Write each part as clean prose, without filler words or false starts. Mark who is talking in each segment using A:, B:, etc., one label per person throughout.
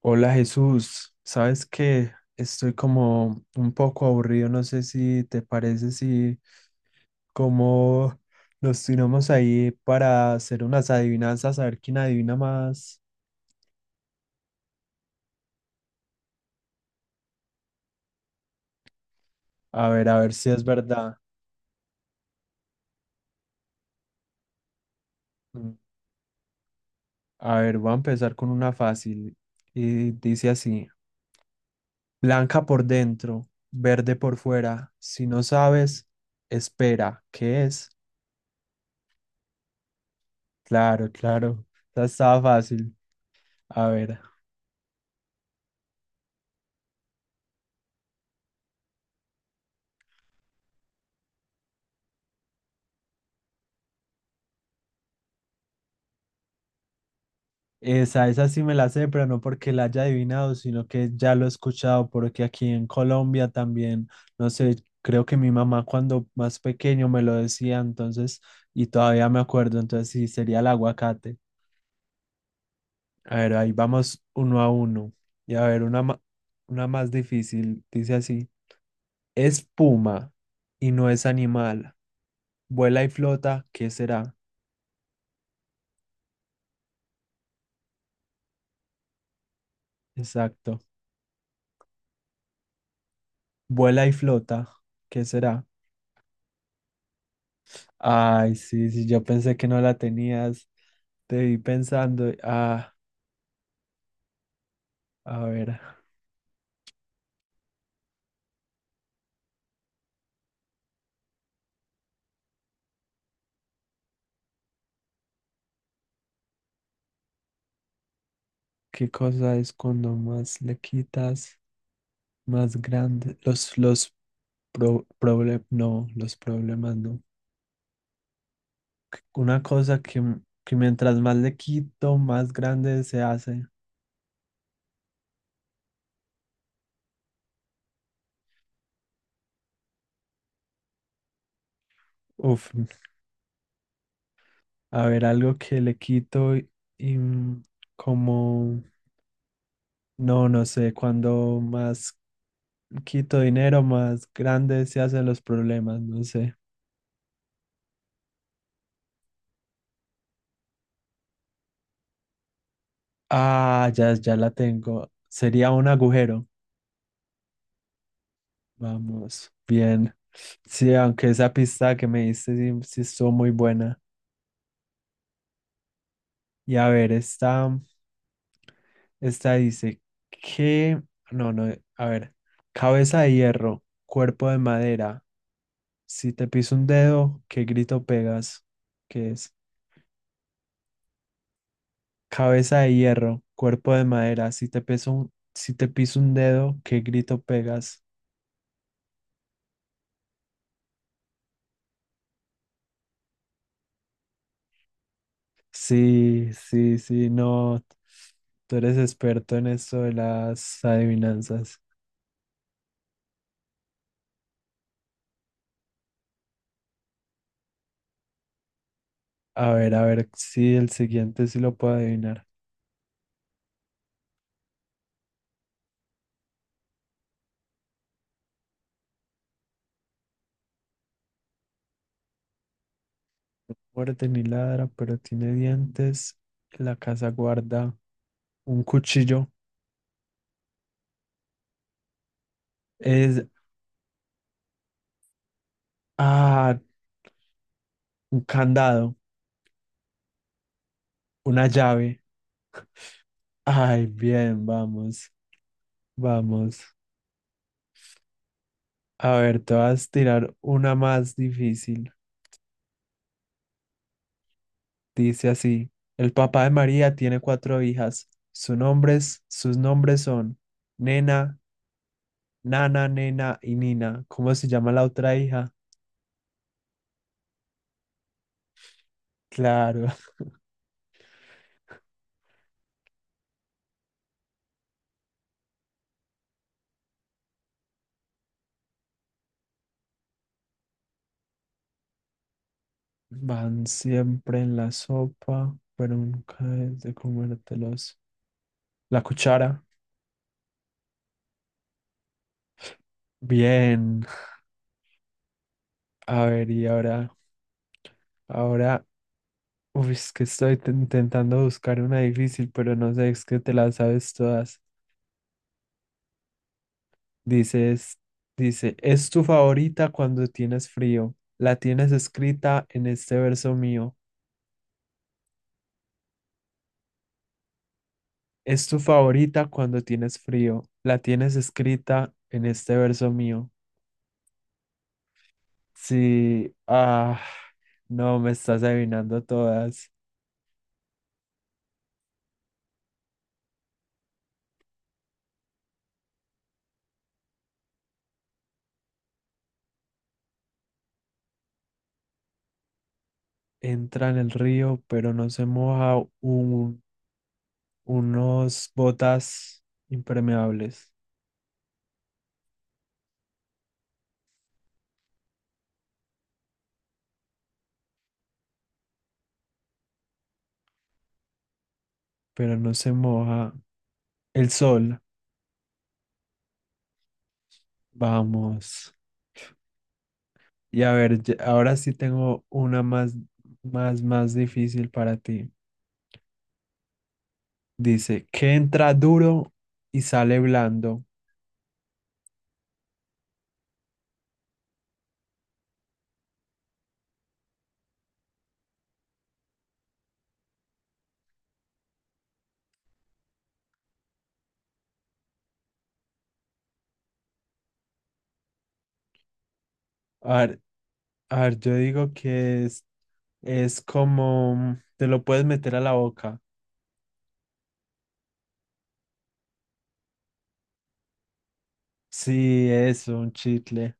A: Hola Jesús, sabes que estoy como un poco aburrido, no sé si te parece si como nos tiramos ahí para hacer unas adivinanzas, a ver quién adivina más, a ver si es verdad. Mm, A ver, voy a empezar con una fácil y dice así, blanca por dentro, verde por fuera, si no sabes, espera, ¿qué es? Claro, claro, esa estaba fácil, a ver. Esa sí me la sé, pero no porque la haya adivinado, sino que ya lo he escuchado, porque aquí en Colombia también, no sé, creo que mi mamá cuando más pequeño me lo decía, entonces, y todavía me acuerdo, entonces sí, sería el aguacate. A ver, ahí vamos uno a uno. Y a ver, una más difícil, dice así, es puma y no es animal, vuela y flota, ¿qué será? Exacto, vuela y flota, ¿qué será? Ay, sí, sí, yo pensé que no la tenías. Te vi pensando, ah, a ver, ¿qué cosa es cuando más le quitas, más grande? Los problemas, no, los problemas no. Una cosa que, que mientras más le quito, más grande se hace. Uf, a ver, algo que le quito y, como, no, no sé, cuando más quito dinero, más grande se hacen los problemas, no sé. Ah, ya, ya la tengo. Sería un agujero. Vamos, bien. Sí, aunque esa pista que me diste sí, sí estuvo muy buena. Y a ver, esta dice que, no, no, a ver, cabeza de hierro, cuerpo de madera. Si te piso un dedo, ¿qué grito pegas? ¿Qué es? Cabeza de hierro, cuerpo de madera. Si te piso un dedo, ¿qué grito pegas? Sí, sí, sí, no. Tú eres experto en esto de las adivinanzas. A ver si el siguiente sí lo puedo adivinar. Muerde ni ladra, pero tiene dientes. En la casa guarda un cuchillo. Es, ah, un candado, una llave. Ay, bien, vamos, vamos. A ver, te vas a tirar una más difícil. Dice así, el papá de María tiene cuatro hijas. Sus nombres son Nena, Nana, Nena y Nina. ¿Cómo se llama la otra hija? Claro. Van siempre en la sopa, pero nunca es de comértelos. La cuchara. Bien. A ver, y ahora, ahora, uy, es que estoy intentando buscar una difícil, pero no sé, es que te las sabes todas. Dices, dice, es tu favorita cuando tienes frío. La tienes escrita en este verso mío. Es tu favorita cuando tienes frío. La tienes escrita en este verso mío. Sí, ah, no, me estás adivinando todas. Entra en el río, pero no se moja unos botas impermeables, pero no se moja el sol. Vamos. Y a ver, ahora sí tengo una más, más, más difícil para ti. Dice, que entra duro y sale blando. A ver, a ver, yo digo que es como, te lo puedes meter a la boca. Sí, eso, un chicle.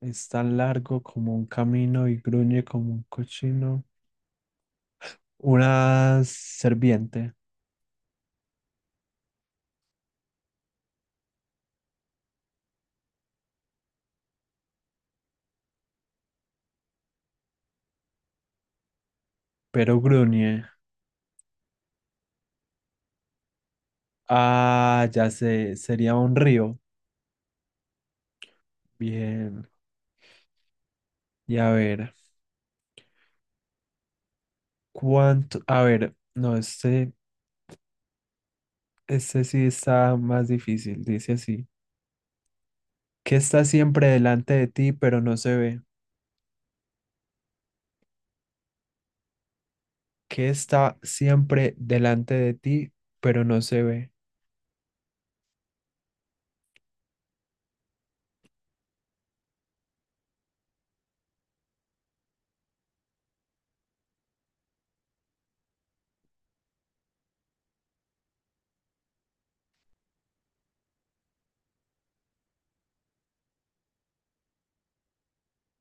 A: Es tan largo como un camino y gruñe como un cochino. Una serpiente, pero gruñe. Ah, ya sé, sería un río. Bien. Y a ver, ¿cuánto? A ver, no, este sí está más difícil. Dice así. ¿Qué está siempre delante de ti, pero no se ve? ¿Qué está siempre delante de ti, pero no se ve?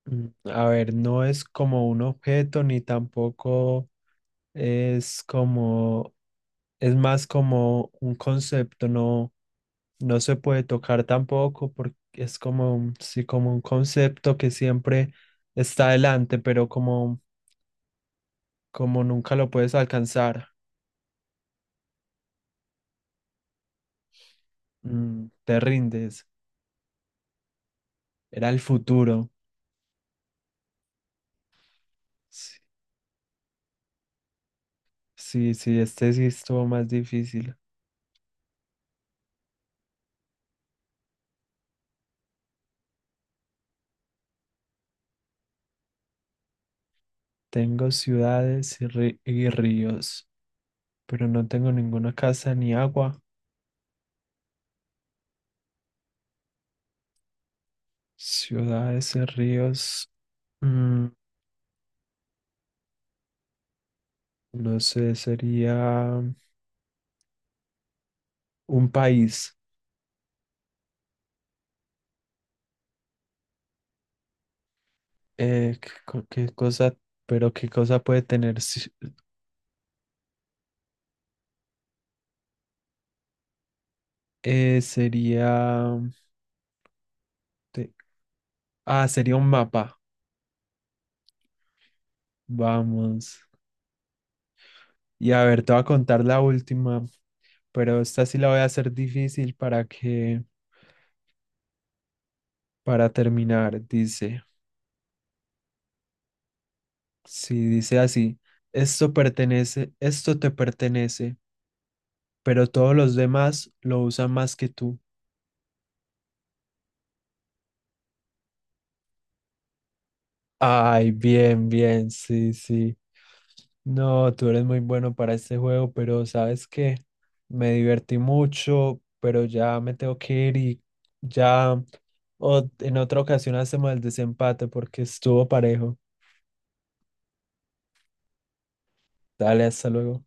A: A ver, no es como un objeto ni tampoco es como, es más como un concepto, no, no se puede tocar tampoco porque es como, sí, como un concepto que siempre está adelante, pero como, como nunca lo puedes alcanzar, mm, te rindes, era el futuro. Sí, sí, sí, este sí estuvo más difícil. Tengo ciudades y ríos, pero no tengo ninguna casa ni agua. Ciudades y ríos, mm, no sé, sería un país. Qué cosa, pero qué cosa puede tener? Eh, te- ah, sería un mapa. Vamos. Y a ver, te voy a contar la última, pero esta sí la voy a hacer difícil para que, para terminar. Dice, si dice así, esto te pertenece, pero todos los demás lo usan más que tú. Ay, bien, bien, sí, sí. No, tú eres muy bueno para este juego, pero sabes que me divertí mucho, pero ya me tengo que ir y ya en otra ocasión hacemos el desempate porque estuvo parejo. Dale, hasta luego.